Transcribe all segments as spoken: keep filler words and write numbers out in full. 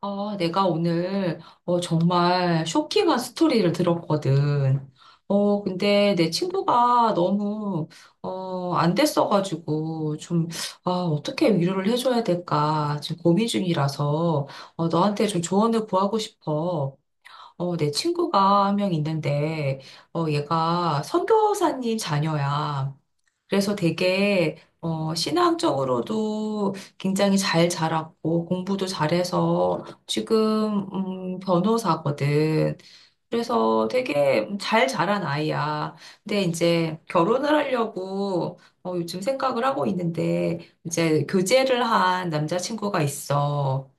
아, 내가 오늘 어, 정말 쇼킹한 스토리를 들었거든. 어, 근데 내 친구가 너무 어, 안 됐어가지고 좀 아, 어떻게 위로를 해줘야 될까 지금 고민 중이라서 어, 너한테 좀 조언을 구하고 싶어. 어, 내 친구가 한 명 있는데 어, 얘가 선교사님 자녀야. 그래서 되게 어, 신앙적으로도 굉장히 잘 자랐고 공부도 잘해서 지금 음, 변호사거든. 그래서 되게 잘 자란 아이야. 근데 이제 결혼을 하려고 어, 요즘 생각을 하고 있는데 이제 교제를 한 남자친구가 있어.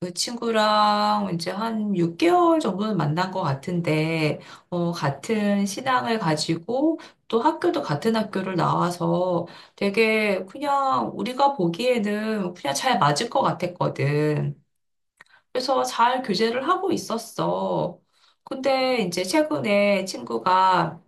그 친구랑 이제 한 육 개월 정도는 만난 것 같은데, 어, 같은 신앙을 가지고 또 학교도 같은 학교를 나와서 되게 그냥 우리가 보기에는 그냥 잘 맞을 것 같았거든. 그래서 잘 교제를 하고 있었어. 근데 이제 최근에 친구가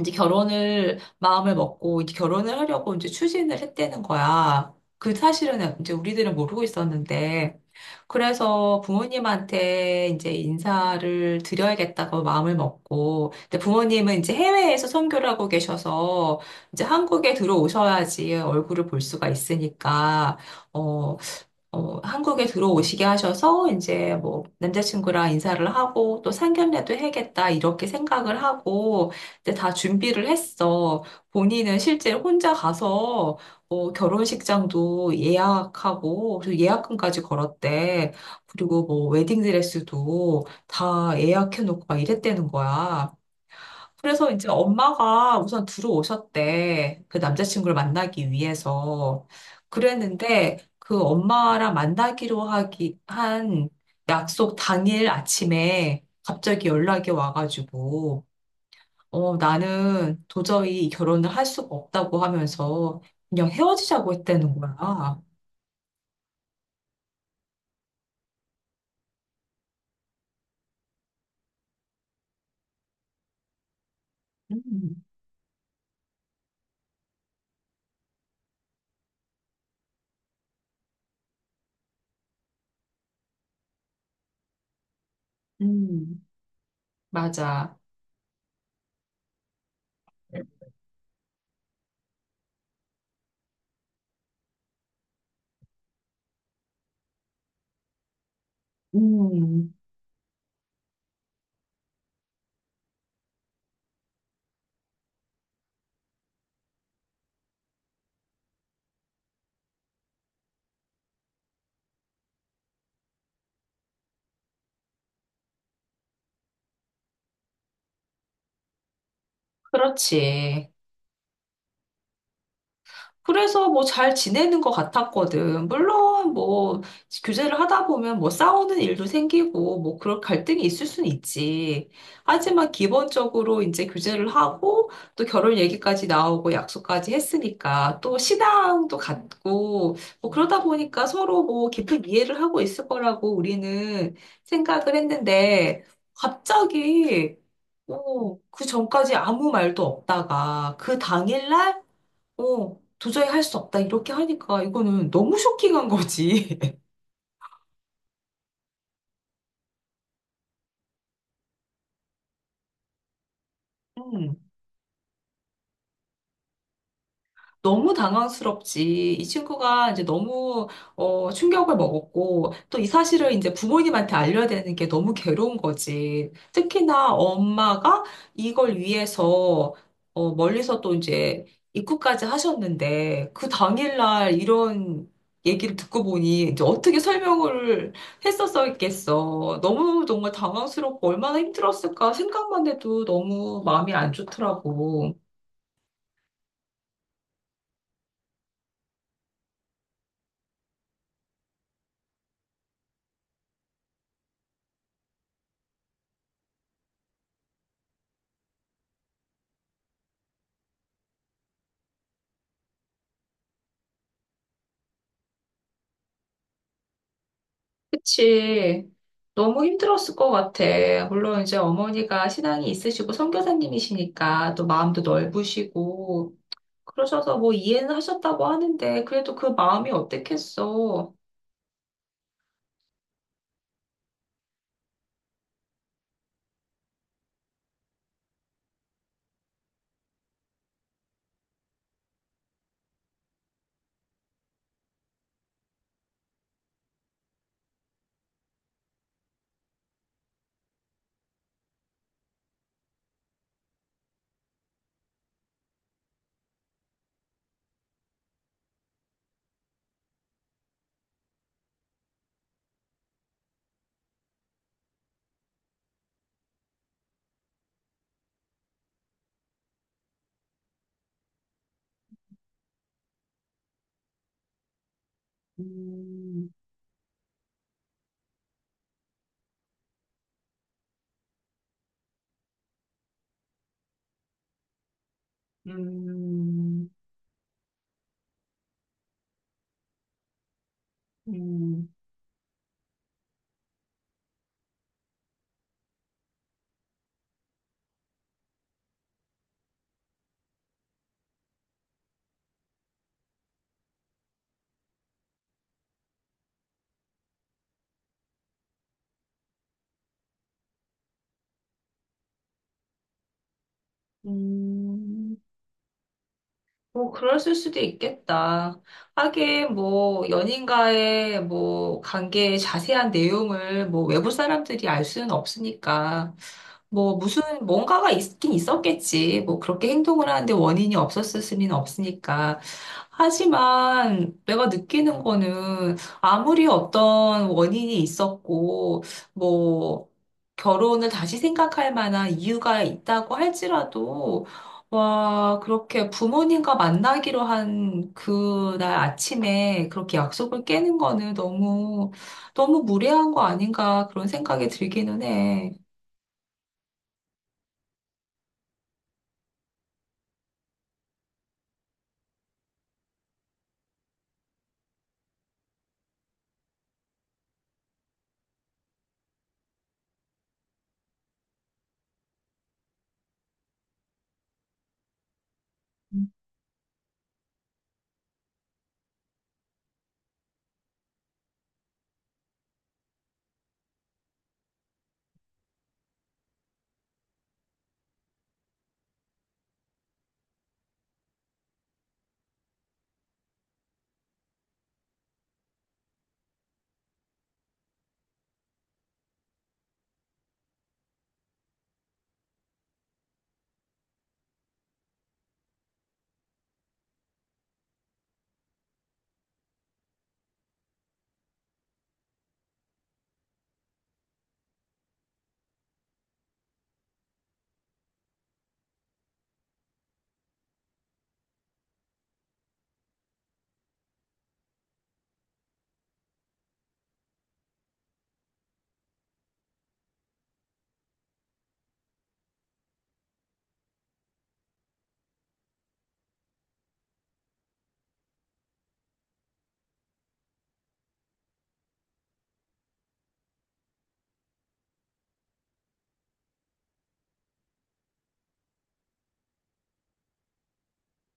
이제 결혼을 마음을 먹고 이제 결혼을 하려고 이제 추진을 했다는 거야. 그 사실은 이제 우리들은 모르고 있었는데 그래서 부모님한테 이제 인사를 드려야겠다고 마음을 먹고 근데 부모님은 이제 해외에서 선교를 하고 계셔서 이제 한국에 들어오셔야지 얼굴을 볼 수가 있으니까 어, 어, 한국에 들어오시게 하셔서 이제 뭐 남자친구랑 인사를 하고 또 상견례도 해야겠다 이렇게 생각을 하고 이제 다 준비를 했어. 본인은 실제 혼자 가서 어, 결혼식장도 예약하고 또 예약금까지 걸었대. 그리고 뭐 웨딩드레스도 다 예약해놓고 막 이랬다는 거야. 그래서 이제 엄마가 우선 들어오셨대. 그 남자친구를 만나기 위해서. 그랬는데 그 엄마랑 만나기로 하기 한 약속 당일 아침에 갑자기 연락이 와가지고, 어, 나는 도저히 이 결혼을 할 수가 없다고 하면서 그냥 헤어지자고 했다는 거야. 음, 음, 맞아. 음, 그렇지. 그래서 뭐 잘 지내는 것 같았거든. 물론 뭐 교제를 하다 보면 뭐 싸우는 일도 생기고 뭐 그런 갈등이 있을 순 있지. 하지만 기본적으로 이제 교제를 하고 또 결혼 얘기까지 나오고 약속까지 했으니까 또 신앙도 같고 뭐 그러다 보니까 서로 뭐 깊은 이해를 하고 있을 거라고 우리는 생각을 했는데 갑자기 어, 그 전까지 아무 말도 없다가 그 당일날 어, 도저히 할 수 없다. 이렇게 하니까 이거는 너무 쇼킹한 거지. 음. 너무 당황스럽지. 이 친구가 이제 너무 어, 충격을 먹었고 또 이 사실을 이제 부모님한테 알려야 되는 게 너무 괴로운 거지. 특히나 엄마가 이걸 위해서 어, 멀리서 또 이제 입국까지 하셨는데 그 당일날 이런 얘기를 듣고 보니 이제 어떻게 설명을 했었겠어. 너무 정말 당황스럽고 얼마나 힘들었을까 생각만 해도 너무 마음이 안 좋더라고. 그치. 너무 힘들었을 것 같아. 물론 이제 어머니가 신앙이 있으시고 선교사님이시니까 또 마음도 넓으시고 그러셔서 뭐 이해는 하셨다고 하는데 그래도 그 마음이 어땠겠어. 음, 음, 음, 음. 뭐, 그랬을 수도 있겠다. 하긴, 뭐, 연인과의, 뭐, 관계의 자세한 내용을, 뭐, 외부 사람들이 알 수는 없으니까. 뭐, 무슨, 뭔가가 있긴 있었겠지. 뭐, 그렇게 행동을 하는데 원인이 없었을 수는 없으니까. 하지만 내가 느끼는 거는 아무리 어떤 원인이 있었고, 뭐, 결혼을 다시 생각할 만한 이유가 있다고 할지라도 와, 그렇게 부모님과 만나기로 한 그날 아침에 그렇게 약속을 깨는 거는 너무, 너무 무례한 거 아닌가 그런 생각이 들기는 해.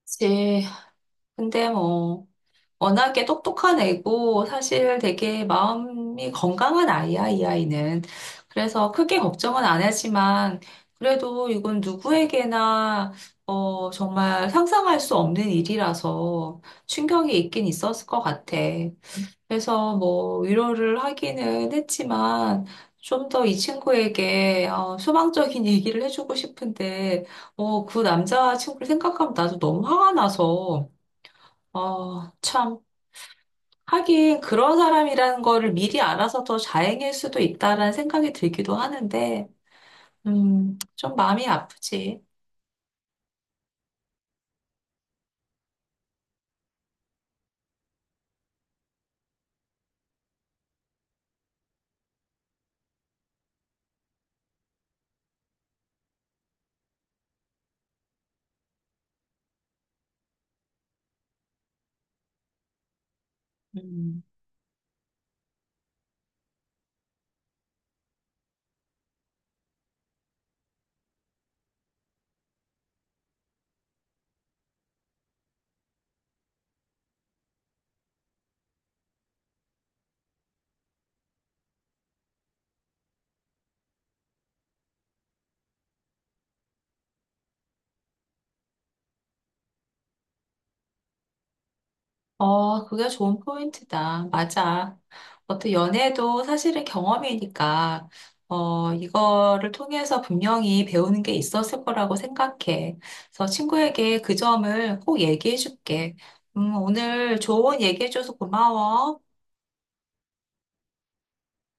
그치. 근데 뭐, 워낙에 똑똑한 애고 사실 되게 마음이 건강한 아이야, 이 아이는. 그래서 크게 걱정은 안 하지만 그래도 이건 누구에게나 어, 정말 상상할 수 없는 일이라서 충격이 있긴 있었을 것 같아. 그래서 뭐 위로를 하기는 했지만 좀 더 이 친구에게 어, 소망적인 얘기를 해주고 싶은데 어, 그 남자친구를 생각하면 나도 너무 화가 나서 어, 참 하긴 그런 사람이라는 거를 미리 알아서 더 자행일 수도 있다라는 생각이 들기도 하는데 음, 좀 마음이 아프지. 음. 어, 그게 좋은 포인트다. 맞아. 어떤 연애도 사실은 경험이니까, 어, 이거를 통해서 분명히 배우는 게 있었을 거라고 생각해. 그래서 친구에게 그 점을 꼭 얘기해 줄게. 음, 오늘 좋은 얘기해줘서 고마워.